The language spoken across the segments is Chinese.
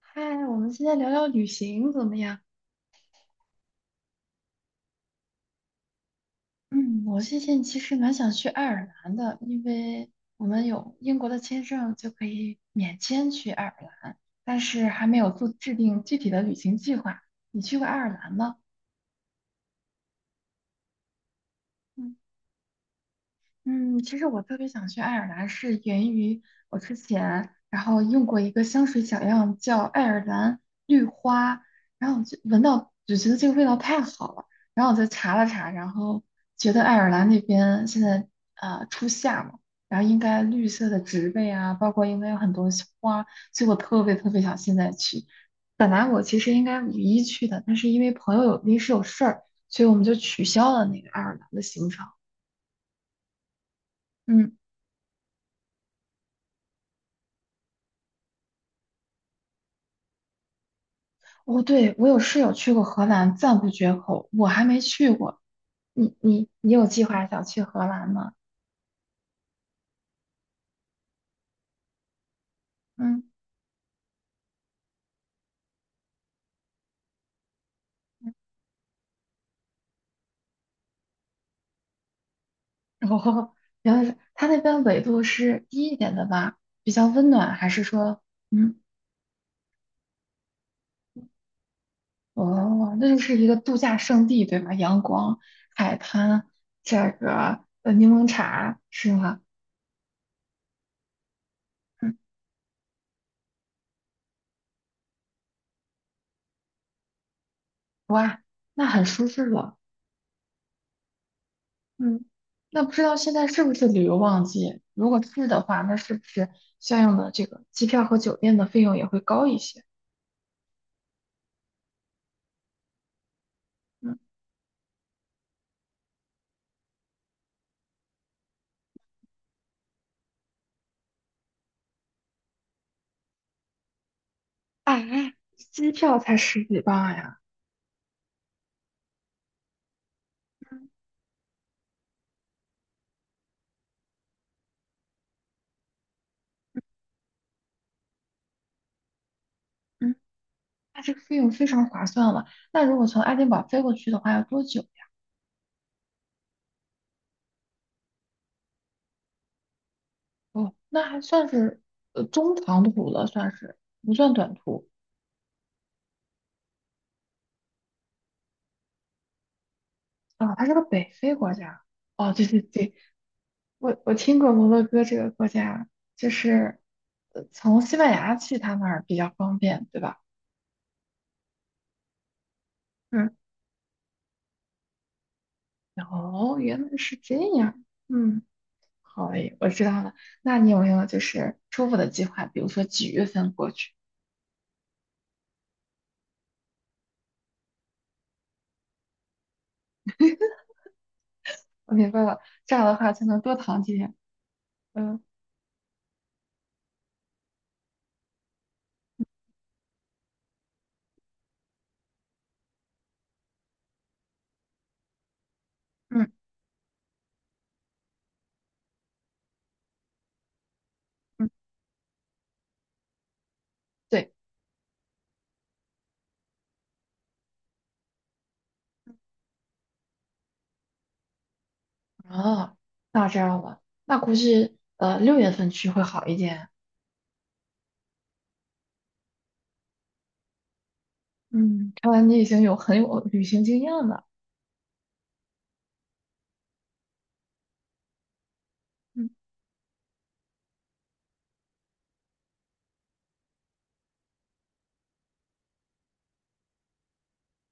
嗨，我们现在聊聊旅行怎么样？嗯，我最近其实蛮想去爱尔兰的，因为我们有英国的签证就可以免签去爱尔兰，但是还没有做制定具体的旅行计划。你去过爱尔兰吗？嗯嗯，其实我特别想去爱尔兰，是源于我之前然后用过一个香水小样叫爱尔兰绿花，然后我就闻到就觉得这个味道太好了，然后我就查了查，然后觉得爱尔兰那边现在初夏嘛，然后应该绿色的植被啊，包括应该有很多小花，所以我特别特别想现在去。本来我其实应该5月1日去的，但是因为朋友有临时有事儿，所以我们就取消了那个爱尔兰的行程。嗯。哦，对，我有室友去过荷兰，赞不绝口。我还没去过，你有计划想去荷兰吗？嗯，哦，原来是它那边纬度是低一点的吧？比较温暖，还是说，嗯，哦，那就是一个度假胜地，对吧？阳光、海滩，这个柠檬茶是吗？嗯，哇，那很舒适了。嗯，那不知道现在是不是旅游旺季？如果是的话，那是不是相应的这个机票和酒店的费用也会高一些？嗯，啊，机票才十几磅呀。嗯，嗯那这个费用非常划算了。那如果从爱丁堡飞过去的话，要多久呀？哦，那还算是中长途了，算是不算短途。啊，它是个北非国家。哦，对对对，我听过摩洛哥这个国家，就是从西班牙去他那儿比较方便，对吧？嗯，哦，原来是这样。嗯，好嘞，我知道了。那你有没有就是初步的计划？比如说几月份过去？我明白了，这样的话才能多躺几天。嗯，嗯嗯，对。哦，那我知道了。那估计6月份去会好一点。嗯，看来你已经有很有旅行经验了。嗯，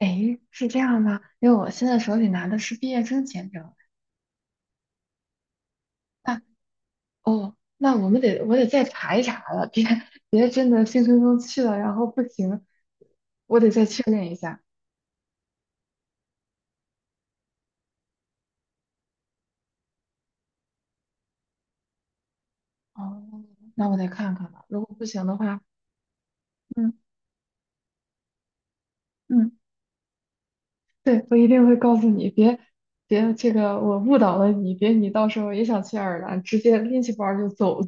诶，是这样吗？因为我现在手里拿的是毕业生签证。那哦，那我得再查一查了，别真的兴冲冲去了，然后不行，我得再确认一下。哦，那我得看看吧。如果不行的话，嗯嗯，对，我一定会告诉你，别这个我误导了你，别你到时候也想去爱尔兰，直接拎起包儿就走了。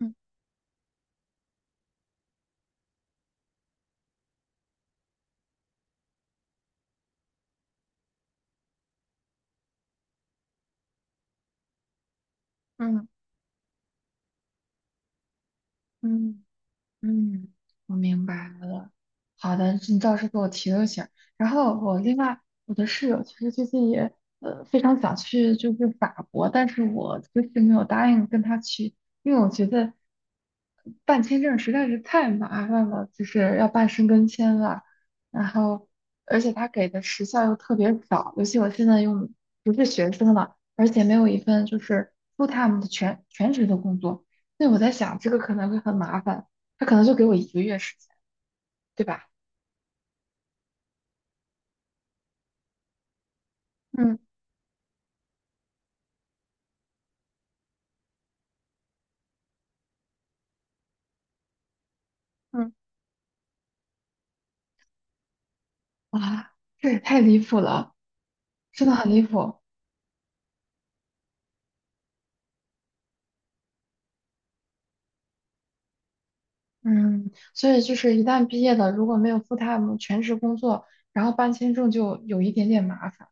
嗯嗯嗯。嗯，我明白了。好的，你倒是给我提了醒儿。然后我另外，我的室友其实最近也非常想去就是法国，但是我就是没有答应跟他去，因为我觉得办签证实在是太麻烦了，就是要办申根签了。然后而且他给的时效又特别早，尤其我现在又不是学生了，而且没有一份就是 full time 的全职的工作，所以我在想这个可能会很麻烦。他可能就给我1个月时间，对吧？嗯嗯哇，这也太离谱了，真的很离谱。嗯，所以就是一旦毕业了，如果没有 full time 全职工作，然后办签证就有一点点麻烦。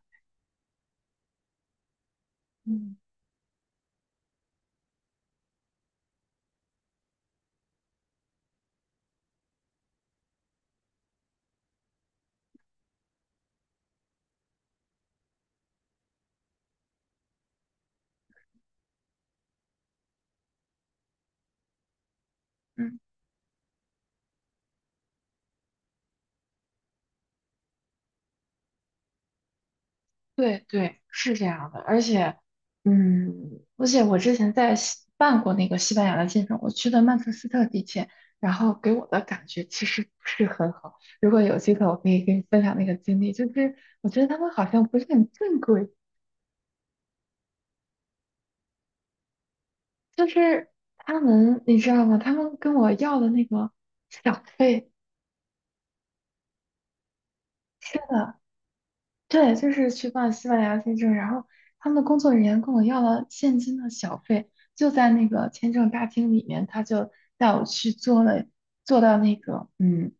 嗯嗯对对，是这样的，而且，嗯，而且我之前在办过那个西班牙的签证，我去的曼彻斯特地铁，然后给我的感觉其实不是很好。如果有机会，我可以跟你分享那个经历，就是我觉得他们好像不是很正规，就是他们，你知道吗？他们跟我要的那个小费，是的。对，就是去办西班牙签证，然后他们的工作人员跟我要了现金的小费，就在那个签证大厅里面，他就带我去做了，做到那个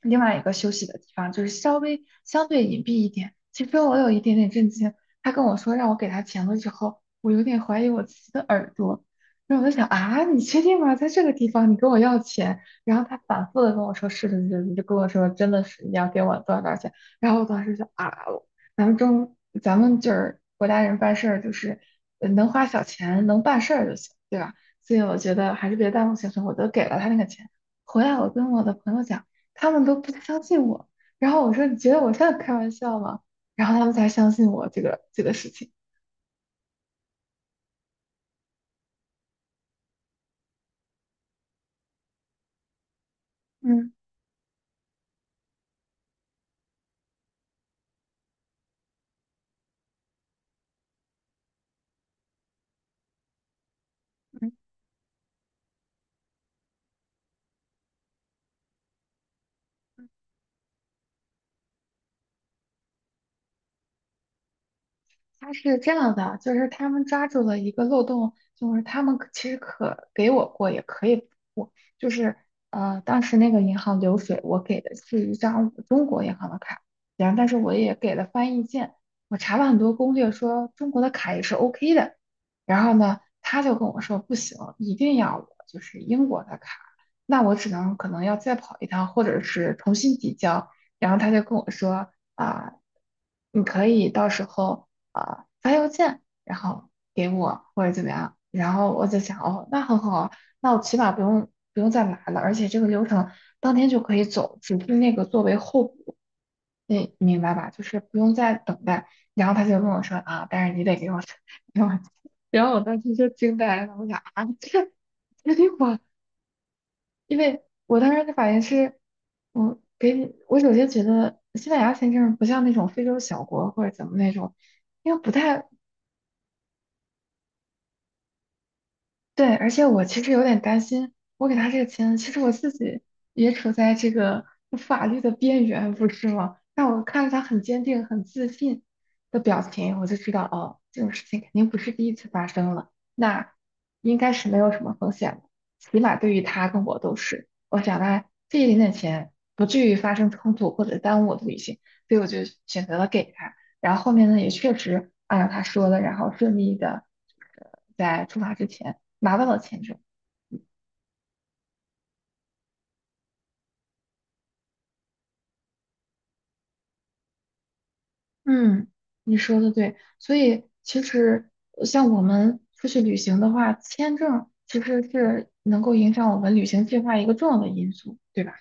另外一个休息的地方，就是稍微相对隐蔽一点。其实我有一点点震惊，他跟我说让我给他钱的时候，我有点怀疑我自己的耳朵。然后我就想啊，你确定吗？在这个地方你跟我要钱？然后他反复的跟我说是是是的，你就跟我说真的是你要给我多少多少钱。然后我当时就啊，咱们中咱们就是国家人办事儿，就是能花小钱能办事儿就行，对吧？所以我觉得还是别耽误行程，我都给了他那个钱。回来我跟我的朋友讲。他们都不相信我。然后我说："你觉得我像在开玩笑吗？"然后他们才相信我这个事情。嗯。嗯他是这样的，就是他们抓住了一个漏洞，就是他们其实可给我过，也可以不过，就是当时那个银行流水，我给的是一张中国银行的卡，然后但是我也给了翻译件，我查了很多攻略说中国的卡也是 OK 的，然后呢，他就跟我说不行，一定要我就是英国的卡，那我只能可能要再跑一趟，或者是重新提交，然后他就跟我说啊。你可以到时候啊，发邮件，然后给我或者怎么样，然后我就想，哦，那很好啊，那我起码不用再来了，而且这个流程当天就可以走，只是那个作为候补，你明白吧？就是不用再等待。然后他就跟我说啊，但是你得给我，给我。然后我当时就惊呆了，我想啊，这得我，因为我当时的反应是，我给你，我首先觉得西班牙签证不像那种非洲小国或者怎么那种。因为不太对，而且我其实有点担心，我给他这个钱，其实我自己也处在这个法律的边缘，不是吗？但我看着他很坚定、很自信的表情，我就知道，哦，这种事情肯定不是第一次发生了，那应该是没有什么风险的，起码对于他跟我都是。我想呢，这一点点钱不至于发生冲突或者耽误我的旅行，所以我就选择了给他。然后后面呢，也确实按照他说的，然后顺利的在出发之前。拿到了签证。嗯，你说的对，所以其实像我们出去旅行的话，签证其实是能够影响我们旅行计划一个重要的因素，对吧？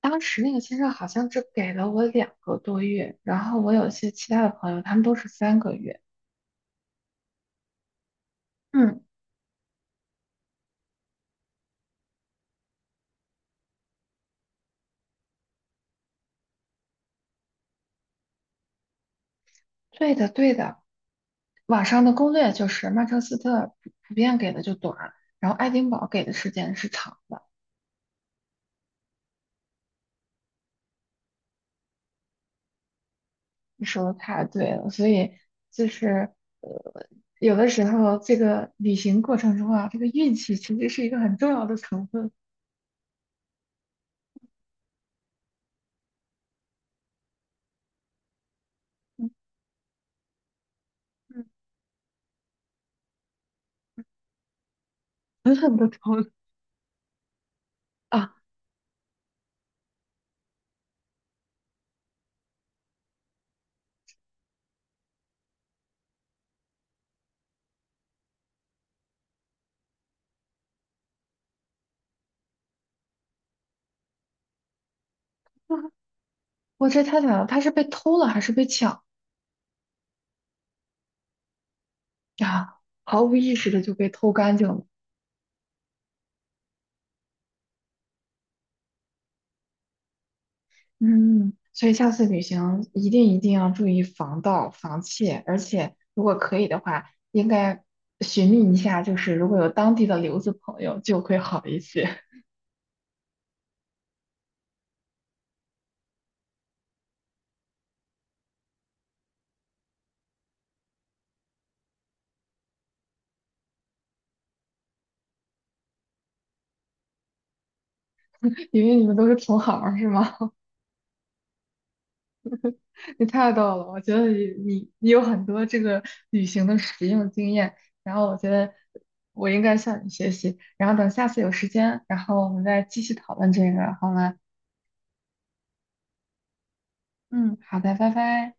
当时那个签证好像只给了我2个多月，然后我有些其他的朋友，他们都是3个月。嗯对的，对的，网上的攻略就是曼彻斯特普遍给的就短，然后爱丁堡给的时间是长的。你说的太对了，所以就是呃，有的时候这个旅行过程中啊，这个运气其实是一个很重要的成分，嗯，嗯，狠狠的偷了啊！我这太惨了，他是被偷了还是被抢啊？毫无意识的就被偷干净了，嗯，所以下次旅行一定一定要注意防盗防窃，而且如果可以的话，应该寻觅一下，就是如果有当地的留子朋友就会好一些，因为你们都是同行儿是吗？你太逗了，我觉得你你有很多这个旅行的实用经验，然后我觉得我应该向你学习，然后等下次有时间，然后我们再继续讨论这个，好吗？嗯，好的，拜拜。